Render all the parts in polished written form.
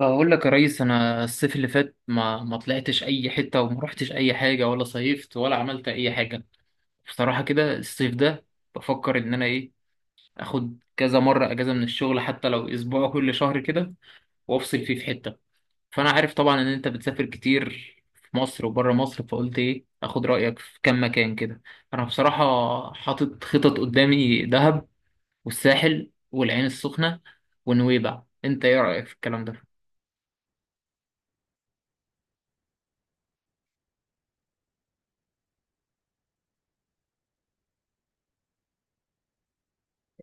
بقول لك يا ريس، انا الصيف اللي فات ما طلعتش اي حته، وما رحتش اي حاجه، ولا صيفت ولا عملت اي حاجه. بصراحه كده الصيف ده بفكر ان انا ايه اخد كذا مره اجازه من الشغل، حتى لو اسبوع كل شهر كده، وافصل فيه في حته. فانا عارف طبعا ان انت بتسافر كتير في مصر وبره مصر، فقلت ايه اخد رايك في كام مكان كده. انا بصراحه حاطط خطط قدامي، دهب والساحل والعين السخنه ونويبع، انت ايه رايك في الكلام ده؟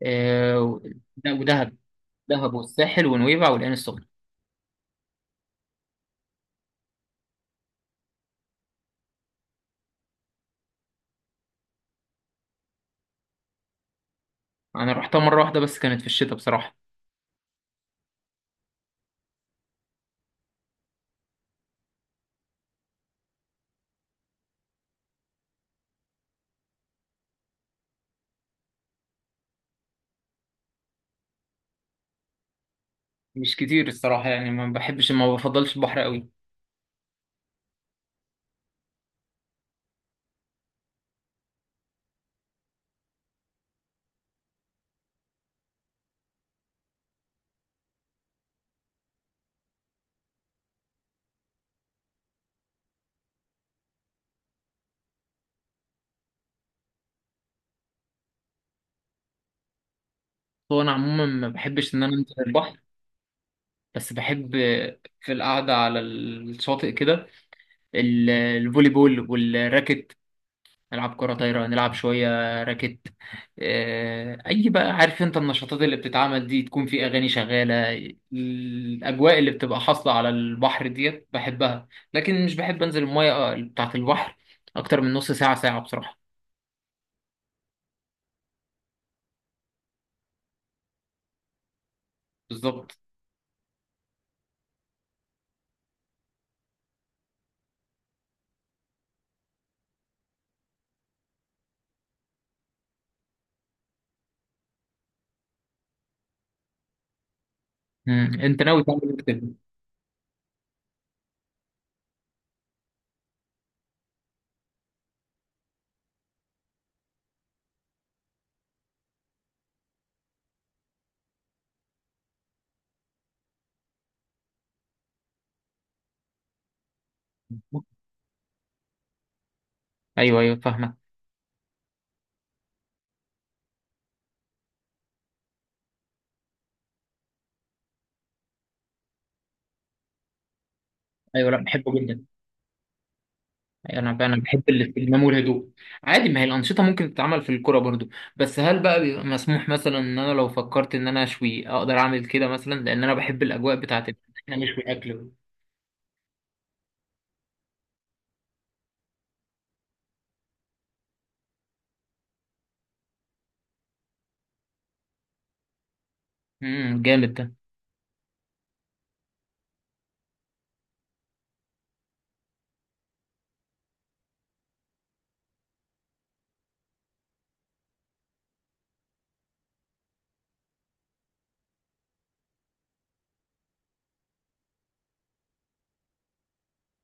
آه، ده ودهب. دهب والساحل ونويبع والعين السخنة. أنا رحتها مرة واحدة بس، كانت في الشتاء بصراحة. مش كتير الصراحة، يعني ما بحبش، ما بفضلش البحر قوي. هو أنا عموما ما بحبش إن أنا أنزل البحر، بس بحب في القعدة على الشاطئ كده، الفولي بول والراكت، نلعب كرة طايرة، نلعب شوية راكت. آه، أي بقى عارف أنت، النشاطات اللي بتتعمل دي تكون في أغاني شغالة، الأجواء اللي بتبقى حاصلة على البحر ديت بحبها، لكن مش بحب أنزل المية آه، بتاعة البحر أكتر من نص ساعة ساعة بصراحة. بالظبط. مم. أنت ناوي تعمل إيه في التلفزيون؟ أيوه، أيوه، فاهمك. أيوه، لا بحبه جدا. يعني انا بحب الاستجمام والهدوء. عادي، ما هي الانشطه ممكن تتعمل في الكوره برضو. بس هل بقى بيبقى مسموح مثلا ان انا لو فكرت ان انا اشوي اقدر اعمل كده مثلا، لان انا بحب الاجواء بتاعت ان احنا نشوي اكل. جامد ده.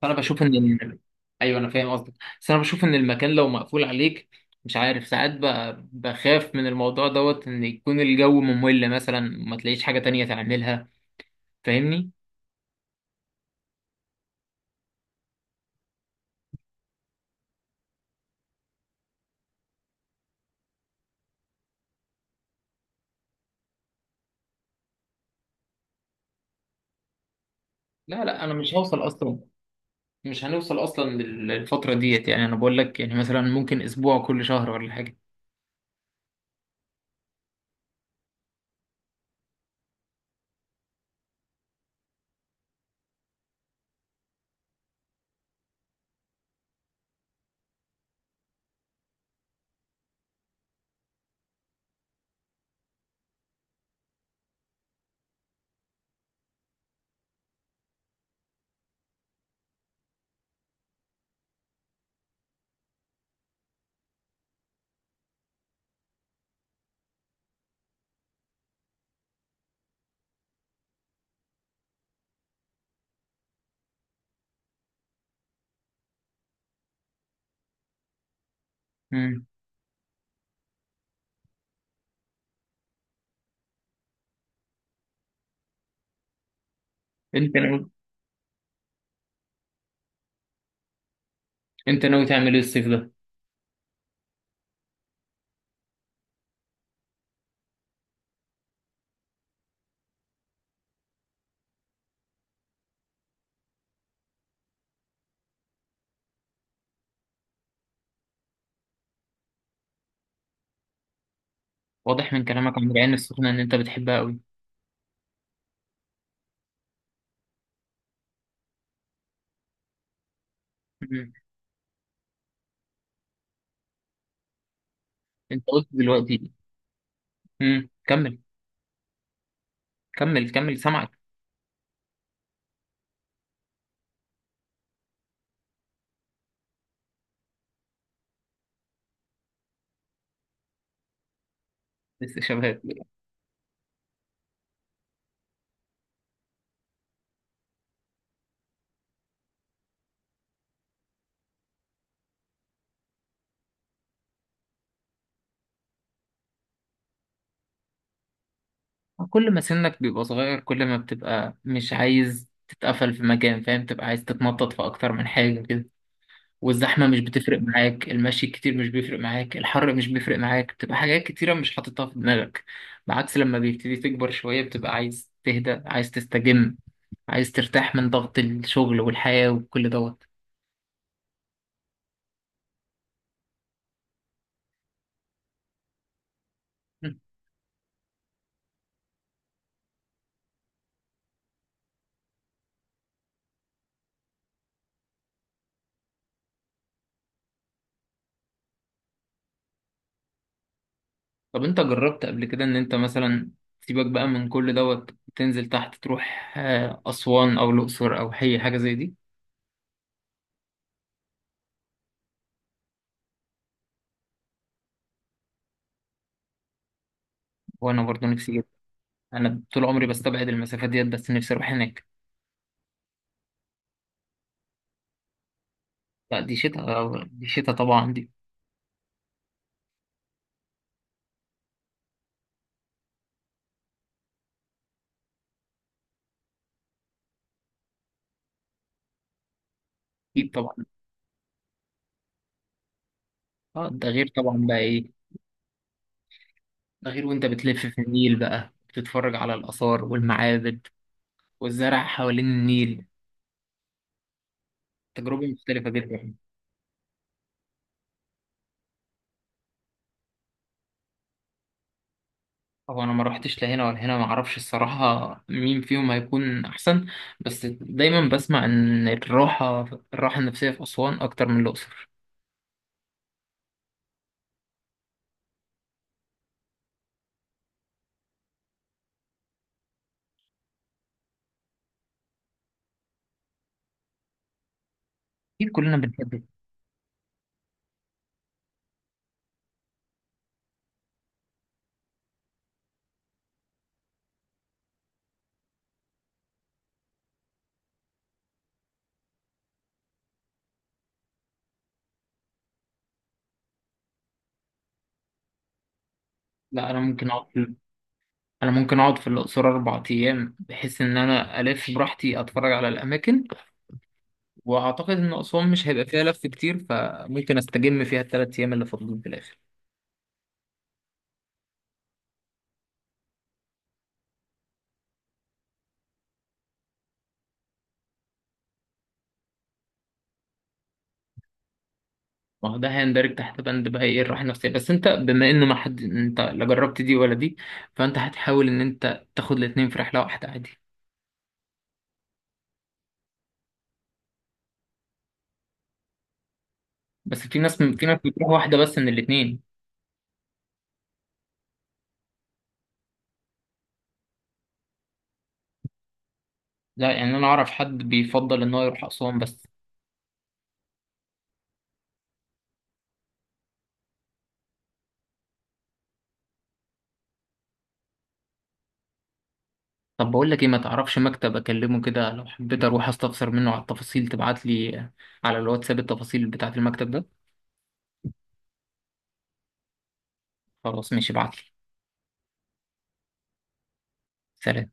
فانا بشوف. ايوه انا فاهم قصدك، بس انا بشوف ان المكان لو مقفول عليك، مش عارف ساعات بقى بخاف من الموضوع دوت ان يكون الجو ممل مثلا، ما تلاقيش حاجه تانية تعملها، فاهمني. لا لا، انا مش هوصل اصلا، مش هنوصل اصلا للفتره ديت، يعني انا بقول لك يعني مثلا ممكن اسبوع كل شهر ولا حاجه. امم انت ناوي انت ناوي تعمل ايه الصيف ده؟ واضح من كلامك عن العين السخنه ان انت بتحبها قوي. امم انت قلت دلوقتي. كمل، كمل، كمل، سامعك. لسه شباب. كل ما سنك بيبقى صغير، كل ما بتبقى مش عايز تتقفل في مكان، فاهم، تبقى عايز تتنطط في اكتر من حاجه كده، والزحمة مش بتفرق معاك، المشي كتير مش بيفرق معاك، الحر مش بيفرق معاك، بتبقى حاجات كتيرة مش حاططها في دماغك. بعكس لما بيبتدي تكبر شوية، بتبقى عايز تهدى، عايز تستجم، عايز ترتاح من ضغط الشغل والحياة وكل دوت. مم. طب انت جربت قبل كده ان انت مثلا سيبك بقى من كل دوت، تنزل تحت تروح آه، أسوان أو الأقصر أو أي حاجة زي دي. وأنا برضو نفسي جدا. أنا طول عمري بستبعد المسافات ديت، بس نفسي أروح هناك. لا دي شتاء، دي شتاء طبعا دي. أكيد طبعا. اه ده غير طبعا بقى ايه، ده غير وانت بتلف في النيل بقى بتتفرج على الآثار والمعابد، والزرع حوالين النيل، تجربة مختلفة جدا. هو انا ما روحتش لا هنا ولا هنا، ما اعرفش الصراحة مين فيهم هيكون احسن، بس دايما بسمع ان الراحة النفسية في أسوان اكتر من الأقصر. اكيد كلنا بنحب. لا، انا ممكن اقعد في الأقصر 4 أيام، بحيث ان انا الف براحتي اتفرج على الاماكن، واعتقد ان اسوان مش هيبقى فيها لف كتير، فممكن استجم فيها الثلاث ايام اللي فاضلين في الاخر. ما هو ده هيندرج تحت بند بقى ايه الراحه النفسيه، بس انت بما انه ما حد، انت لا جربت دي ولا دي، فانت هتحاول ان انت تاخد الاثنين في رحله واحده عادي. بس في ناس بتروح واحده بس من الاثنين. لا يعني انا اعرف حد بيفضل ان هو يروح اسوان بس. طب بقول لك ايه، ما تعرفش مكتب اكلمه كده لو حبيت اروح استفسر منه على التفاصيل، تبعت لي على الواتساب التفاصيل بتاعه المكتب ده؟ خلاص ماشي، ابعت لي. سلام.